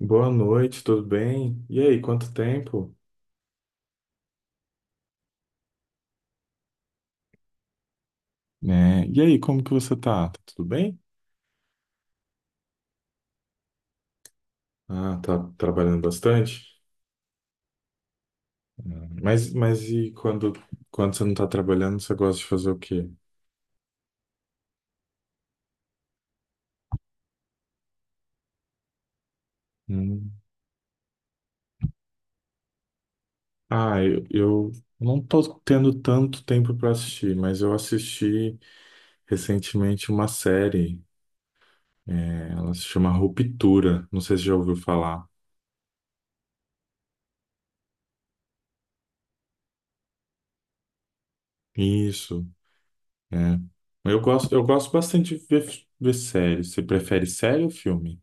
Boa noite, tudo bem? E aí, quanto tempo? Né? E aí, como que você tá? Tá tudo bem? Ah, tá trabalhando bastante? Ah, Mas e quando, quando você não tá trabalhando, você gosta de fazer o quê? Hum. Ah, eu não tô tendo tanto tempo para assistir, mas eu assisti recentemente uma série, né? Ela se chama Ruptura, não sei se já ouviu falar. Isso, é. Eu gosto bastante de ver, ver séries. Você prefere série ou filme?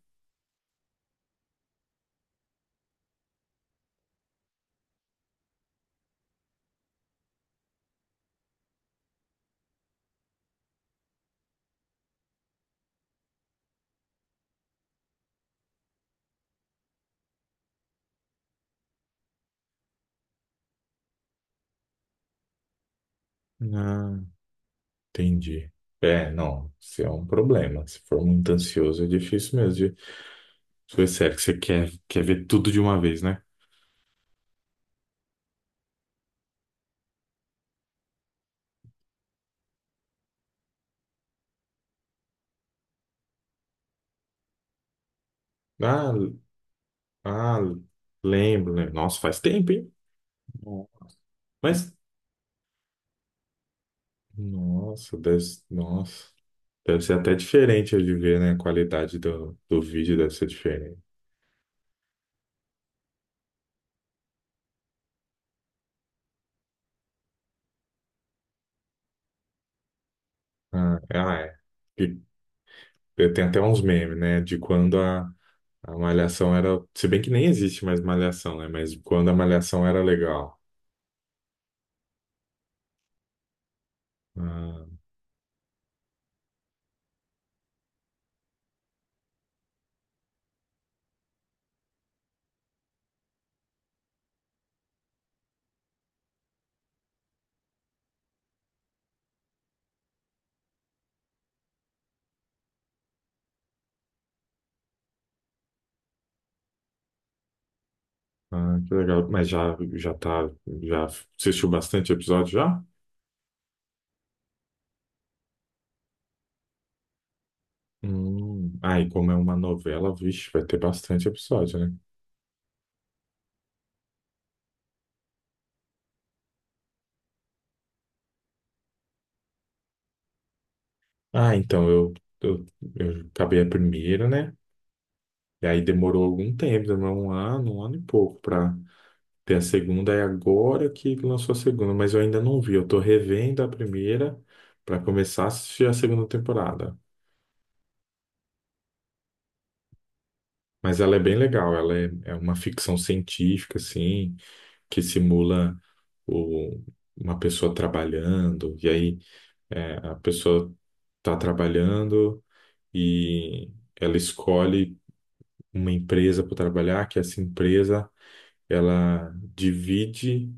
Ah, entendi. É, não, isso é um problema. Se for muito ansioso, é difícil mesmo. De... Se sério que você quer, quer ver tudo de uma vez, né? Ah, ah, lembro, né? Nossa, faz tempo, hein? Nossa. Mas, nossa, deve, nossa, deve ser até diferente de ver, né? A qualidade do vídeo deve ser diferente. Ah, é. Ah, é. E eu tenho até uns memes, né? De quando a Malhação era. Se bem que nem existe mais Malhação, né? Mas quando a Malhação era legal. Ah, ah, que legal. Mas já, já tá, já assistiu bastante episódio já? Hum. Ah, e como é uma novela, vixe, vai ter bastante episódio, né? Ah, então eu, eu acabei a primeira, né? E aí demorou algum tempo, demorou um ano e pouco pra ter a segunda. E agora que lançou a segunda, mas eu ainda não vi. Eu tô revendo a primeira pra começar a assistir a segunda temporada. Mas ela é bem legal, ela é, é uma ficção científica, assim, que simula o- uma pessoa trabalhando, e aí é, a pessoa está trabalhando e ela escolhe uma empresa para trabalhar, que essa empresa ela divide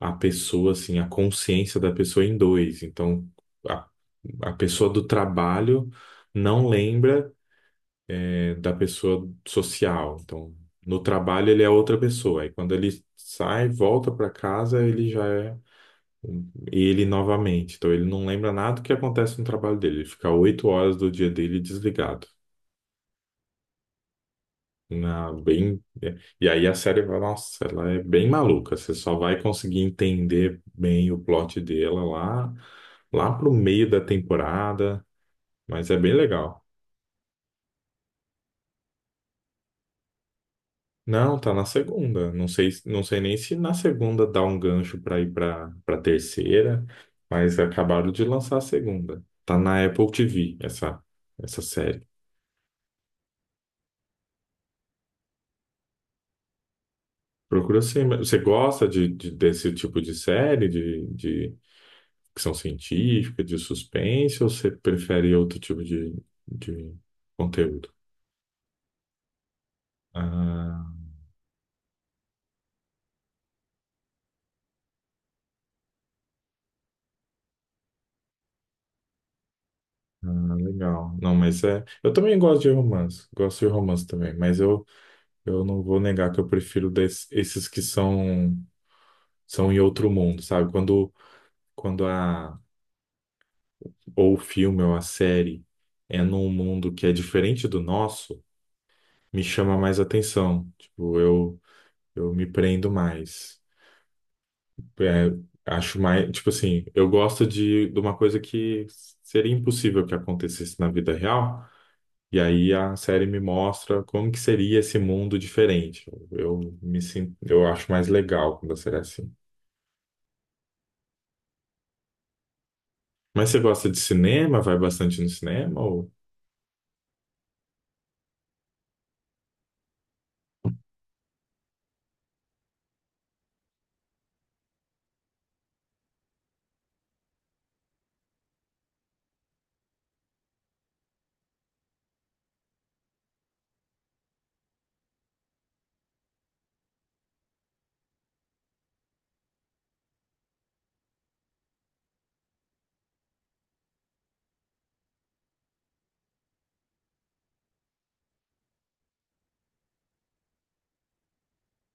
a pessoa, assim, a consciência da pessoa em dois. Então, a, a pessoa do trabalho não lembra é, da pessoa social. Então, no trabalho ele é outra pessoa. Aí quando ele sai, volta para casa, ele já é ele novamente. Então ele não lembra nada do que acontece no trabalho dele. Ele fica oito horas do dia dele desligado. Na, bem, é, e aí a série vai, nossa, ela é bem maluca. Você só vai conseguir entender bem o plot dela lá, lá pro meio da temporada, mas é bem legal. Não, tá na segunda. Não sei, não sei nem se na segunda dá um gancho para ir pra para terceira, mas acabaram de lançar a segunda. Tá na Apple TV essa série. Procura sim, mas você gosta de, desse tipo de série, de ficção científica, de suspense, ou você prefere outro tipo de conteúdo? Ah, legal. Não, mas é, eu também gosto de romance. Gosto de romance também, mas eu não vou negar que eu prefiro esses que são, são em outro mundo, sabe? Quando, quando a, ou o filme ou a série é num mundo que é diferente do nosso, me chama mais atenção. Tipo, eu. Eu me prendo mais. É, acho mais, tipo assim, eu gosto de uma coisa que seria impossível que acontecesse na vida real, e aí a série me mostra como que seria esse mundo diferente. Eu me sinto, eu acho mais legal quando a série é assim. Mas você gosta de cinema? Vai bastante no cinema ou?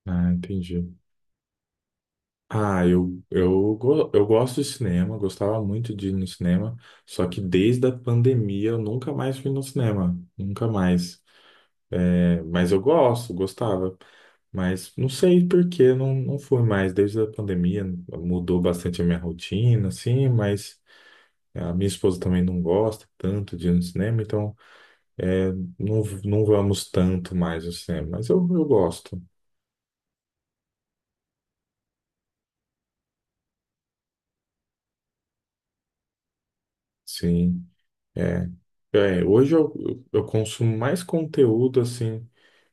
Ah, entendi. Ah, eu, eu gosto de cinema, gostava muito de ir no cinema, só que desde a pandemia eu nunca mais fui no cinema, nunca mais. É, mas eu gosto, gostava. Mas não sei por que não, não fui mais. Desde a pandemia mudou bastante a minha rotina, assim, mas a minha esposa também não gosta tanto de ir no cinema, então é, não, não vamos tanto mais ao cinema. Mas eu gosto, sim. É, é, hoje eu, eu consumo mais conteúdo, assim,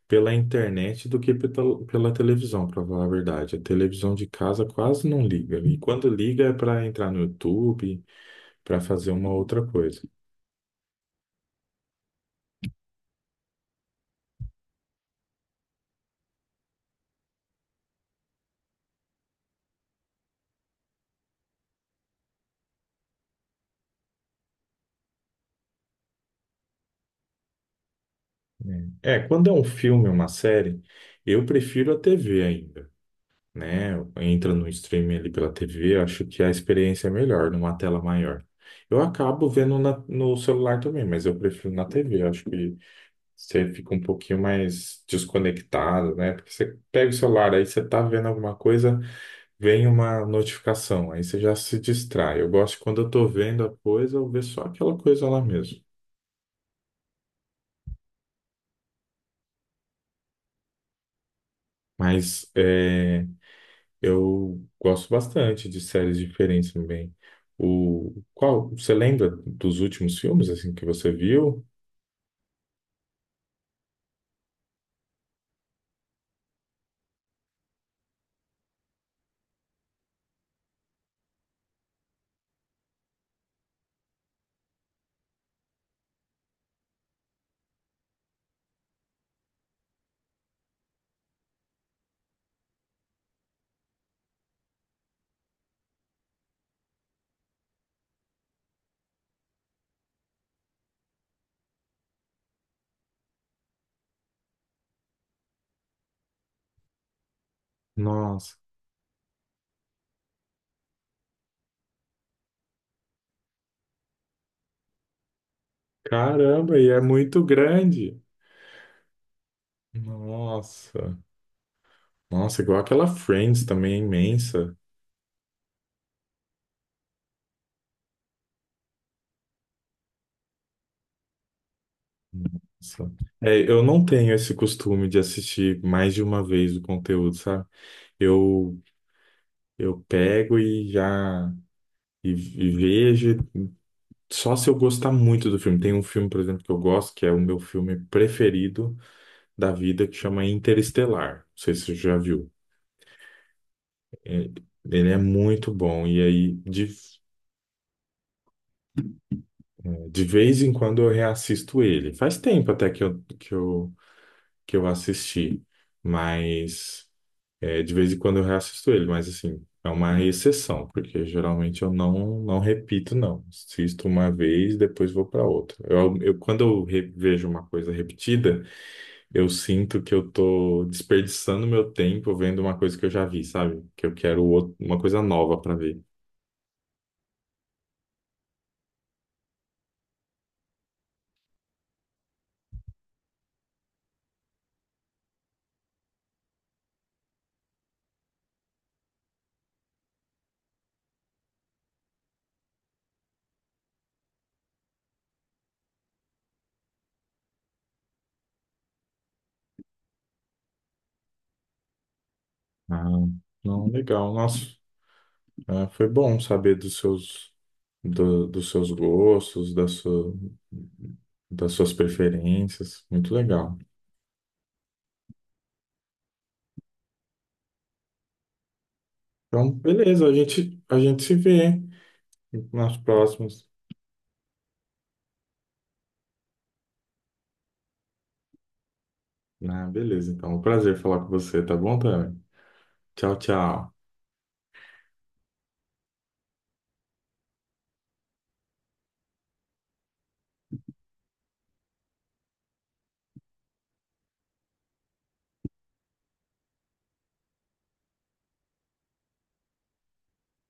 pela internet do que pela, pela televisão, para falar a verdade. A televisão de casa quase não liga. E quando liga é para entrar no YouTube para fazer uma outra coisa. Né? É, quando é um filme, uma série, eu prefiro a TV ainda, né? Entra no streaming ali pela TV, acho que a experiência é melhor numa tela maior. Eu acabo vendo no celular também, mas eu prefiro na TV. Acho que você fica um pouquinho mais desconectado, né? Porque você pega o celular, aí você tá vendo alguma coisa, vem uma notificação, aí você já se distrai. Eu gosto quando eu tô vendo a coisa, eu ver só aquela coisa lá mesmo. Mas é, eu gosto bastante de séries diferentes também. O qual você lembra dos últimos filmes assim que você viu? Nossa, caramba, e é muito grande. Nossa, nossa, igual aquela Friends também é imensa. Nossa. É, eu não tenho esse costume de assistir mais de uma vez o conteúdo, sabe? Eu eu pego e já e vejo só se eu gostar muito do filme. Tem um filme, por exemplo, que eu gosto, que é o meu filme preferido da vida, que chama Interestelar. Não sei se você já viu. É, ele é muito bom e aí de vez em quando eu reassisto ele. Faz tempo até que eu assisti, mas é, de vez em quando eu reassisto ele, mas assim, é uma exceção, porque geralmente eu não, não repito, não. Assisto uma vez, depois vou para outra. Eu, quando eu vejo uma coisa repetida, eu sinto que eu tô desperdiçando meu tempo vendo uma coisa que eu já vi, sabe? Que eu quero uma coisa nova para ver. Ah, não, legal. Nossa, ah, foi bom saber dos seus, dos seus gostos, da sua, das suas preferências. Muito legal. Então, beleza, a gente se vê nas próximas. Ah, beleza, então. Um prazer falar com você, tá bom, Tami? Tchau, tchau.